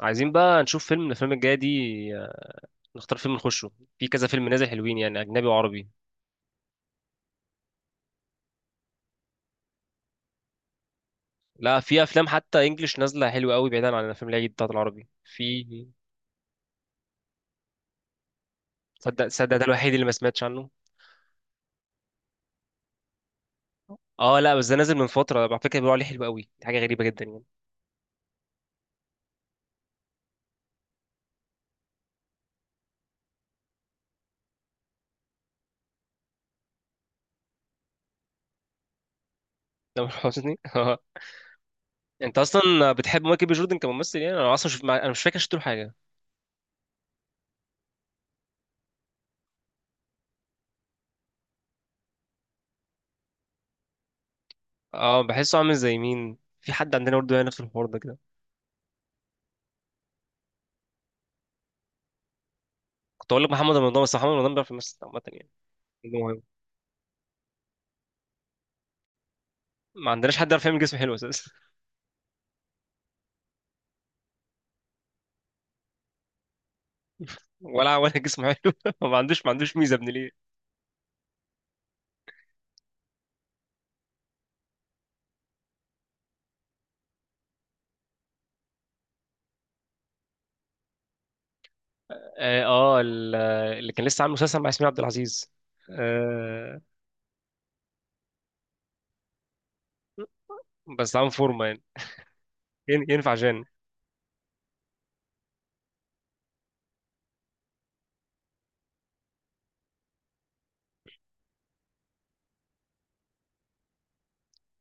عايزين بقى نشوف فيلم من الافلام الجايه دي. آه، نختار فيلم نخشه. في كذا فيلم نازل حلوين، يعني اجنبي وعربي. لا، في افلام حتى انجليش نازله حلوه قوي بعيدا عن الافلام العيد بتاعت العربي في. صدق صدق، ده الوحيد اللي ما سمعتش عنه. اه لا، بس ده نازل من فتره على فكره، بيقولوا عليه حلو قوي، دي حاجه غريبه جدا يعني. ده مش حسني اه، انت اصلا بتحب مايكل بي جوردن كممثل؟ يعني انا اصلا انا مش فاكر شفت له حاجه. اه بحسه عامل زي مين، في حد عندنا برضه يعني نفس الحوار ده كده. كنت اقول لك محمد رمضان، بس محمد رمضان بيعرف يمثل عامه يعني. ده مهم، ما عندناش حد يعرف يعمل جسم حلو اساسا. ولا جسمه حلو ما عندوش ميزه، ابن ليه. اه اللي كان لسه عامل مسلسل مع ياسمين عبد العزيز. آه بس عامل فورمه يعني. ينفع جان.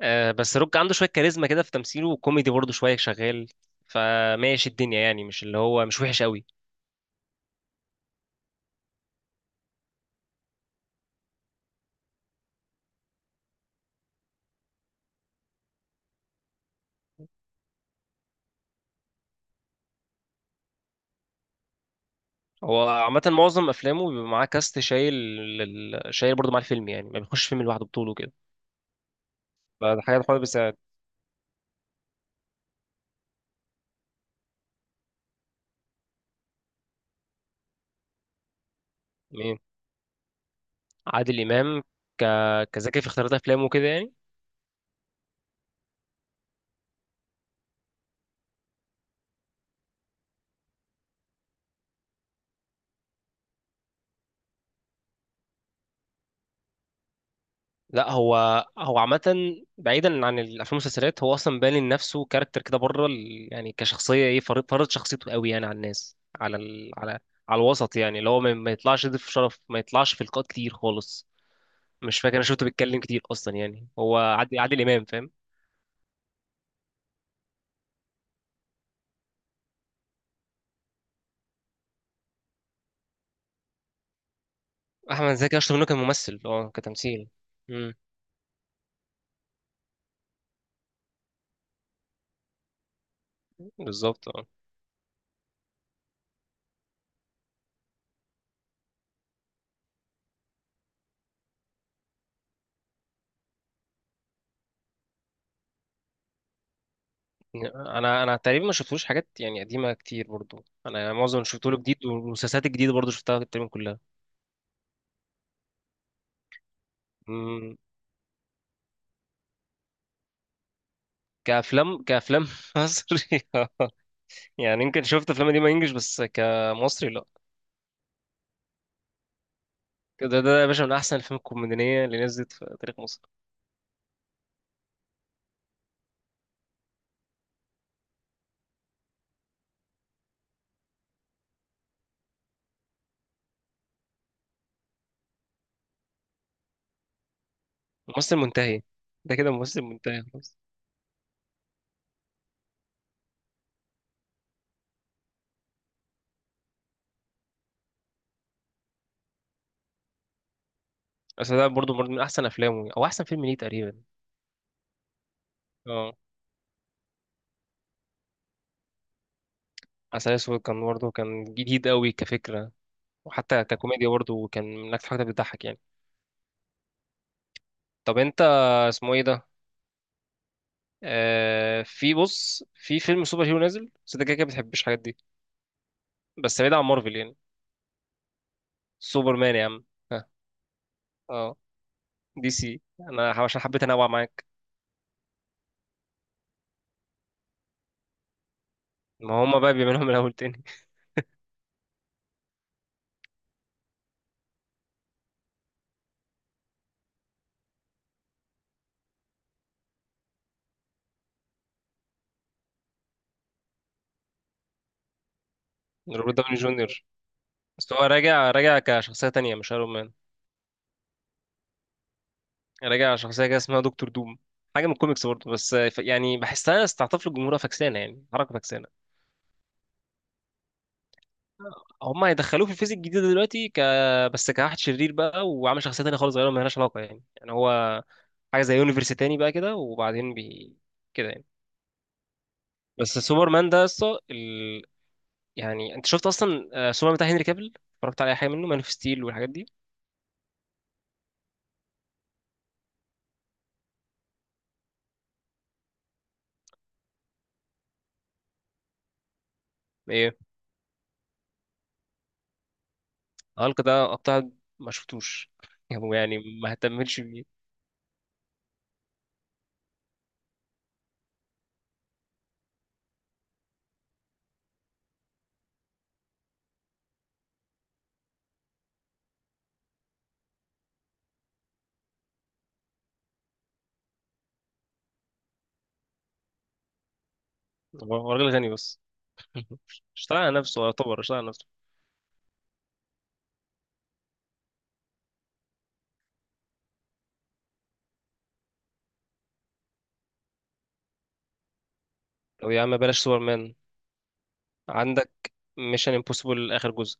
آه بس روك عنده شويه كاريزما كده في تمثيله، وكوميدي برضه شويه شغال. فماشي الدنيا يعني، مش اللي هو مش وحش قوي. هو عامه معظم افلامه بيبقى معاه كاست شايل، شايل برضه مع الفيلم يعني، ما بيخش فيلم لوحده بطوله كده. فده حاجه خالص. بس مين؟ عادل امام. ك... كذكي في اختيارات افلامه كده يعني؟ لا، هو عامة، بعيدا عن الافلام والمسلسلات، هو اصلا باني لنفسه كاركتر كده بره يعني كشخصية، ايه، فرض فرض شخصيته قوي يعني على الناس، على على الوسط يعني، اللي هو ما يطلعش يضيف شرف، ما يطلعش في لقاءات كتير خالص. مش فاكر انا شفته بيتكلم كتير اصلا، يعني هو عادل امام فاهم. احمد زكي اشطر منه كممثل، اه كتمثيل. امم بالظبط اه. انا تقريبا ما شفتوش حاجات يعني قديمه كتير برضو، انا معظم اللي شفته له جديد، والمسلسلات الجديده برضو شفتها تقريبا كلها. كأفلام مصري، يعني يمكن شفت أفلام قديمة إنجلش، بس كمصري لأ. كده ده يا باشا من أحسن الأفلام الكوميدية اللي نزلت في تاريخ مصر. ممثل منتهي، ده كده ممثل منتهي خلاص. بس ده برضه من أحسن أفلامه، أو أحسن فيلم ليه تقريبا. اه، عسل أسود كان برضه، كان جديد قوي كفكرة. وحتى ككوميديا برضه كان من أكتر حاجة بتضحك يعني. طب أنت، اسمه إيه ده؟ آه في، بص، في فيلم سوبر هيرو نازل، بس أنت كده كده بتحبش الحاجات دي. بس بعيد عن مارفل يعني. سوبر مان يا عم. ها. اه، دي سي، انا عشان حبيت انوع معاك. ما هما بقى بيعملوهم من الاول تاني. روبرت داوني جونيور. بس هو راجع، راجع كشخصيه تانية مش ايرون مان. راجع شخصيه كده اسمها دكتور دوم، حاجه من الكوميكس برضه، بس يعني بحسها استعطاف للجمهور، فكسانه يعني حركه فكسانه. هما هيدخلوه في الفيزيك الجديده دلوقتي بس كواحد شرير بقى، وعامل شخصيه تانية خالص غيره مالهاش علاقه يعني هو حاجه زي يونيفرس تاني بقى كده، وبعدين كده يعني. بس سوبرمان ده يا اسطى، يعني انت شفت اصلا سوبرمان بتاع هنري كابل؟ اتفرجت على اي حاجه منه، مان اوف ستيل والحاجات دي؟ ايه، هالك ده قطع، ما شفتوش؟ هو يعني ما اهتمتش بيه. هو راجل غني بس. اشتغل على نفسه، هو يعتبر اشتغل على نفسه. طب يا عم بلاش سوبرمان، عندك ميشن امبوسيبل اخر جزء.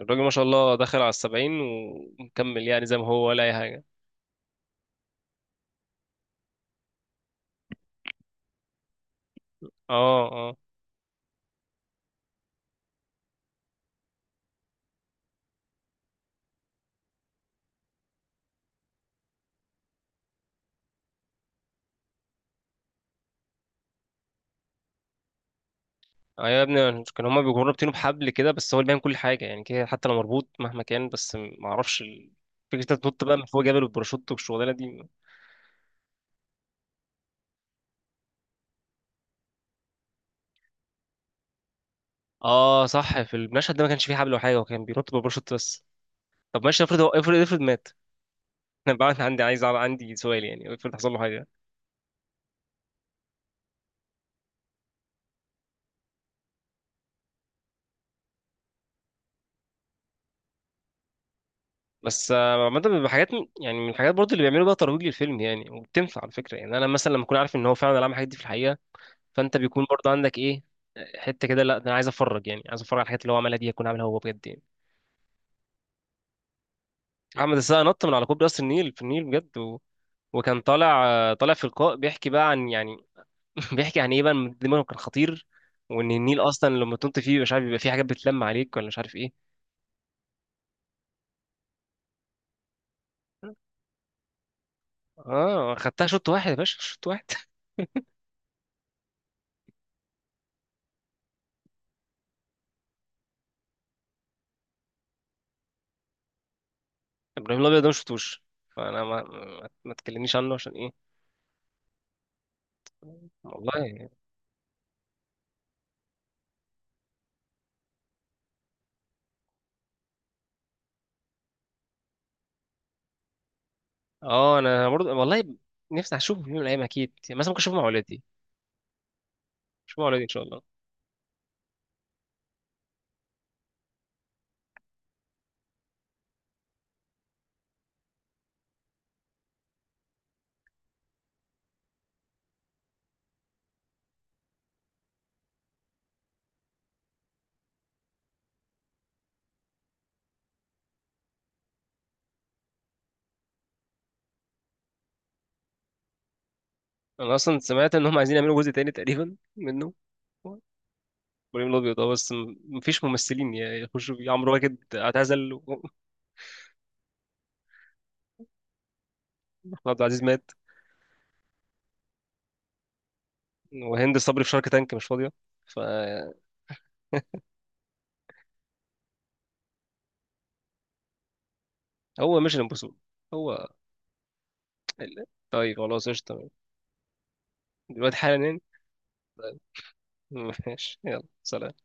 الراجل ما شاء الله دخل على السبعين ومكمل يعني زي ما هو، ولا اي حاجه. اه آه. ايوه يا ابني، كان هما بيجروا رابطينه بحبل كده، بس هو اللي بيعمل كل حاجه يعني كده، حتى لو مربوط مهما كان، بس ما اعرفش فكره إنت تنط بقى من فوق جبل والباراشوت والشغلانه دي. اه صح، في المشهد ده ما كانش فيه حبل ولا حاجه، وكان بينط بالباراشوت بس. طب ماشي، افرض هو، افرض مات. انا بقى عندي، عندي سؤال، يعني افرض حصل له حاجه. بس عامه بيبقى حاجات يعني من الحاجات برضه اللي بيعملوا بقى ترويج للفيلم يعني، وبتنفع على فكره، يعني انا مثلا لما اكون عارف ان هو فعلا عمل الحاجات دي في الحقيقه. فانت بيكون برضه عندك ايه، حته كده، لا ده انا عايز اتفرج يعني، عايز اتفرج على الحاجات اللي هو عملها دي، يكون عاملها هو بجد يعني. احمد السقا نط من على كوبري قصر النيل في النيل بجد، و... وكان طالع في لقاء بيحكي بقى عن يعني بيحكي عن ايه، بقى إن دماغه كان خطير. وان النيل اصلا لما تنط فيه مش عارف، بيبقى فيه حاجات بتلم عليك ولا مش عارف ايه. اه خدتها شوط واحد يا باشا، شوط واحد ابراهيم الابيض ده ما شفتوش، فانا ما تكلمنيش عنه عشان ايه. والله. اه، انا برضه والله، نفسي اشوفه في يوم من الايام اكيد، يعني مثلا ممكن اشوفه مع ولادي. اشوفه مع ولادي ان شاء الله. انا اصلا سمعت ان هم عايزين يعملوا جزء تاني تقريبا منه. ابراهيم الابيض، اه بس مفيش ممثلين يعني يخشوا بيه، عمرو واكد اعتزل واحمد عبد العزيز مات، وهند صبري في شارك تانك مش فاضيه. فهو مش الامبوسيبل. هو ال- طيب خلاص قشطه. دلوقتي حالا يعني؟ ماشي يلا سلام.